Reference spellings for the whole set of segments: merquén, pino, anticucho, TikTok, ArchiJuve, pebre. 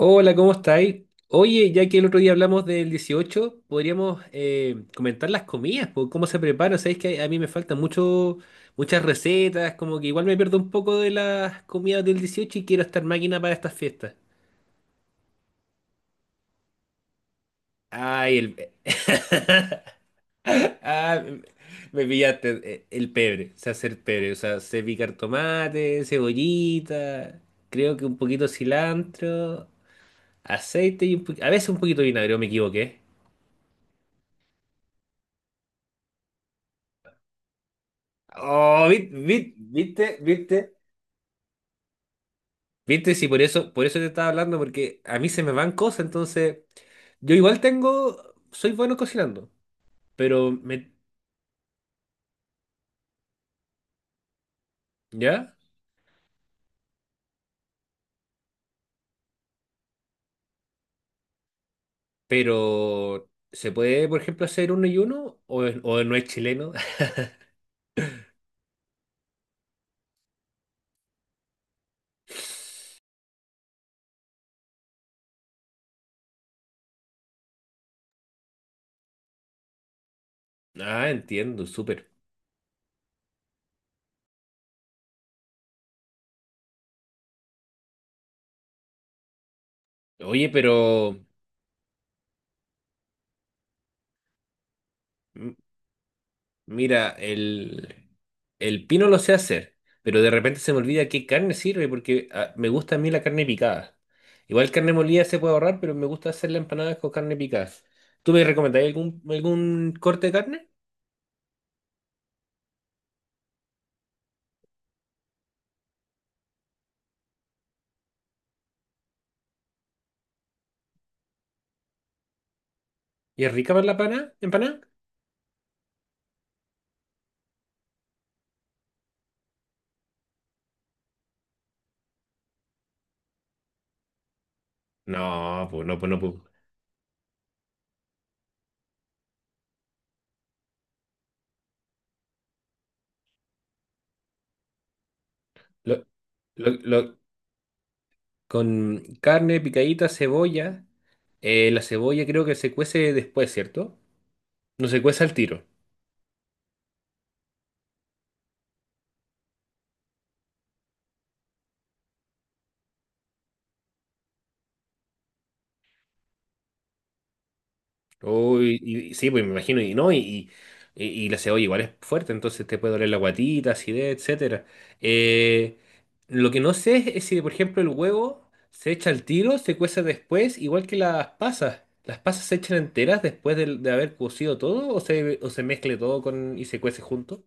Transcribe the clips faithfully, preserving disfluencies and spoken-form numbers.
Hola, ¿cómo estáis? Oye, ya que el otro día hablamos del dieciocho, podríamos eh, comentar las comidas, po, cómo se preparan. Sabéis que a mí me faltan mucho, muchas recetas, como que igual me pierdo un poco de las comidas del dieciocho y quiero estar máquina para estas fiestas. Ay, el... Ah, me pillaste, eh, el pebre, se hace el pebre, o sea, sé picar tomate, cebollita, creo que un poquito de cilantro, aceite y un poqu- a veces un poquito de vinagre, me equivoqué. Oh, vi- vi- viste, viste, viste, sí, por eso, por eso te estaba hablando, porque a mí se me van cosas, entonces yo igual tengo, soy bueno cocinando, pero me, ¿ya? Pero ¿se puede, por ejemplo, hacer uno y uno? ¿O, o no es chileno? Ah, entiendo, súper. Oye, pero mira, el, el pino lo sé hacer, pero de repente se me olvida qué carne sirve porque ah, me gusta a mí la carne picada. Igual carne molida se puede ahorrar, pero me gusta hacer la empanada con carne picada. ¿Tú me recomendarías algún, algún corte de carne? ¿Y es rica para la pana- empanada? No, pues no, pues no, pues. Lo- lo- lo- con carne picadita, cebolla. Eh, la cebolla creo que se cuece después, ¿cierto? No se cuece al tiro. Uy, y, y sí, pues me imagino, y no, y, y, y la cebolla igual es fuerte, entonces te puede doler la guatita, acidez, etcétera. Eh, lo que no sé es si, por ejemplo, el huevo se echa al tiro, se cuece después, igual que las pasas. ¿Las pasas se echan enteras después del- de, haber cocido todo o se, o se mezcle todo con, y se cuece junto?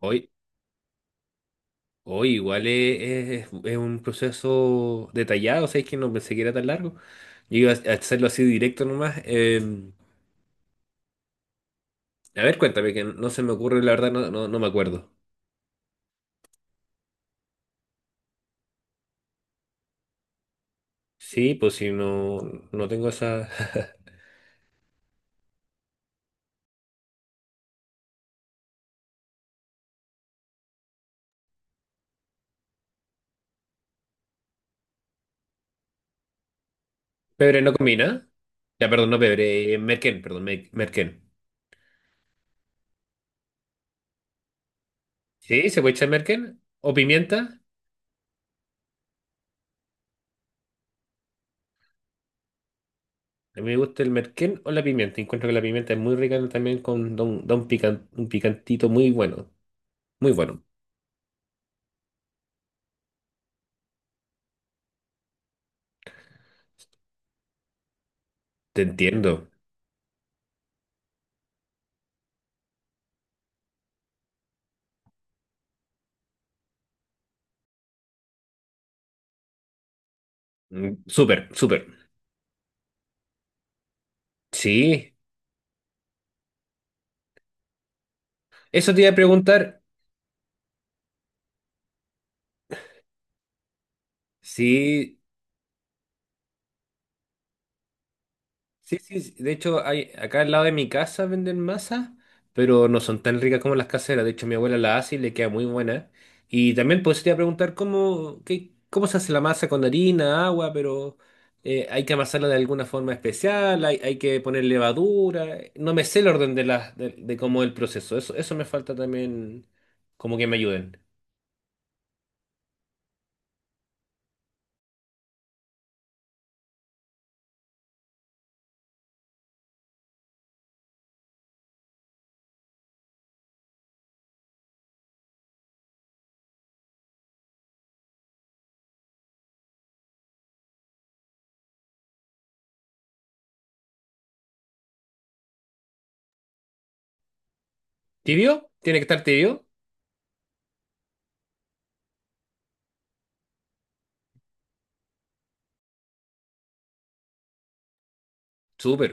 Hoy, hoy igual es, es- es un proceso detallado, o sea, es que no pensé que era tan largo. Yo iba a hacerlo así directo nomás. em, A ver, cuéntame, que no se me ocurre, la verdad, no, no, no me acuerdo. Sí, pues si no, no tengo esa. Pebre no combina. Ya, perdón, no pebre, eh, merquén, perdón, me- merquén. Sí, se puede echar merquén o pimienta. A mí me gusta el merquén o la pimienta. Encuentro que la pimienta es muy rica también con da un, da un pican- un picantito muy bueno. Muy bueno. Te entiendo. Mm, súper, súper. Sí. Eso te iba a preguntar. Sí. Sí, sí, sí. De hecho, hay, acá al lado de mi casa venden masa, pero no son tan ricas como las caseras. De hecho, mi abuela la hace y le queda muy buena. Y también pues, te iba a preguntar cómo, qué, cómo se hace la masa con harina, agua, pero eh, hay que amasarla de alguna forma especial, hay, hay que poner levadura. No me sé el orden de, las de, de cómo es el proceso. Eso, eso me falta también como que me ayuden. ¿Tibio? ¿Tiene que estar tibio? Súper.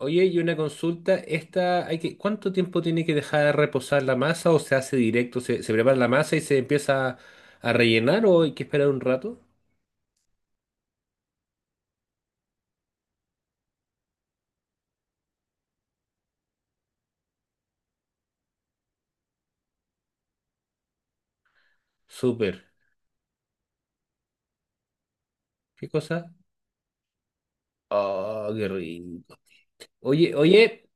Oye, y una consulta, esta hay que, ¿cuánto tiempo tiene que dejar reposar la masa o se hace directo? ¿Se, se prepara la masa y se empieza a rellenar o hay que esperar un rato? Súper. ¿Qué cosa? Oh, qué rico. Oye, oye,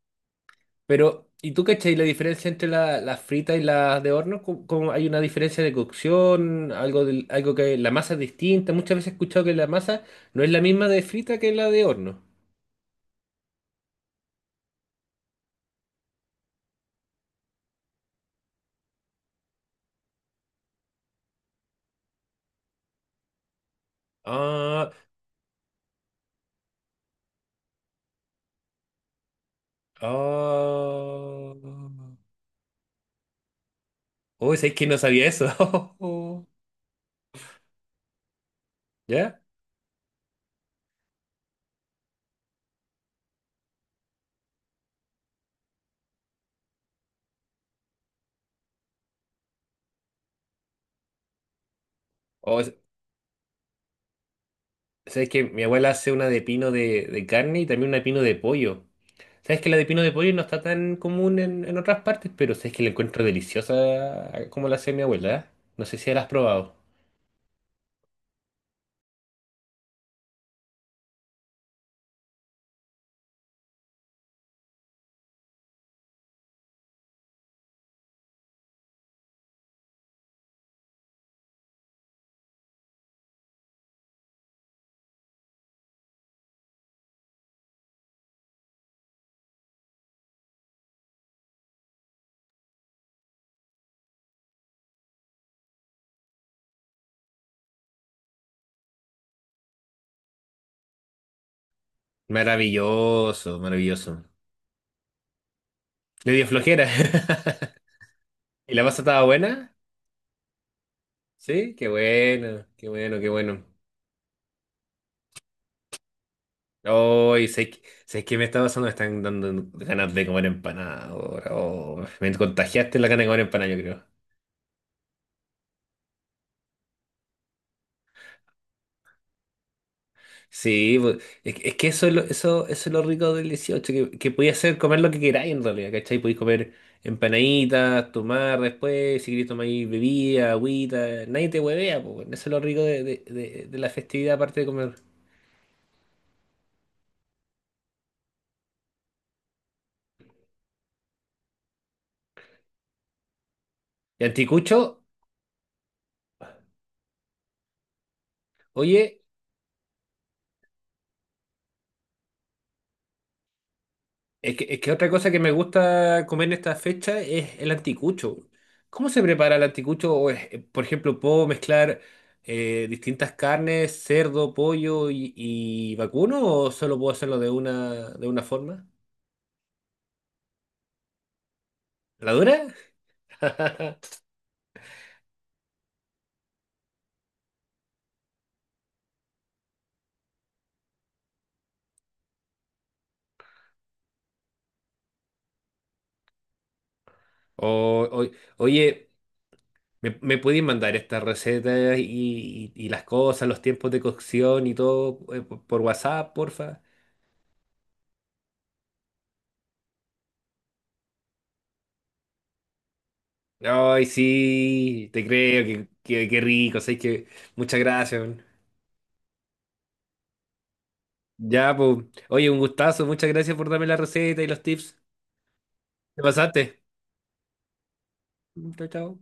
pero ¿y tú cachai la diferencia entre la- las fritas y las de horno? ¿Cómo- cómo hay una diferencia de cocción? Algo del, algo que la masa es distinta. Muchas veces he escuchado que la masa no es la misma de frita que la de horno. Ah, ah. Uy, ¿sabes que no sabía eso? ¿Ya? O, ¿sabes que mi abuela hace una de pino de, de carne y también una de pino de pollo? ¿Sabes que la de pino de pollo no está tan común en, en otras partes? Pero ¿sabes que la encuentro deliciosa como la hace mi abuela? ¿Eh? No sé si la has probado. Maravilloso, maravilloso. Le dio flojera. ¿Y la pasta estaba buena? Sí, qué bueno, qué bueno, qué bueno. Hoy, sé que, sé que me está pasando, me están dando ganas de comer empanada ahora. Oh, me contagiaste la gana de comer empanada, yo creo. Sí, pues, es, que es que eso es lo, eso, eso es lo rico del dieciocho, que, que podías hacer comer lo que queráis en realidad, ¿cachai? Podéis comer empanaditas, tomar después, si queréis tomar ahí bebida, agüita, nadie te huevea, pues, bueno, eso es lo rico de, de, de- de la festividad aparte de comer. Y anticucho, oye. Es que, es que otra cosa que me gusta comer en esta fecha es el anticucho. ¿Cómo se prepara el anticucho? O es- eh, por ejemplo, ¿puedo mezclar eh, distintas carnes, cerdo, pollo y, y vacuno? ¿O solo puedo hacerlo de una, de una forma? ¿La dura? O, o- oye, ¿me, me pueden mandar estas recetas y, y- y las cosas, los tiempos de cocción y todo eh, por, por WhatsApp, porfa? Ay, sí, te creo, que, que, que rico, sé que muchas gracias. Ya, pues. Oye, un gustazo. Muchas gracias por darme la receta y los tips. Te pasaste. Chao, chao.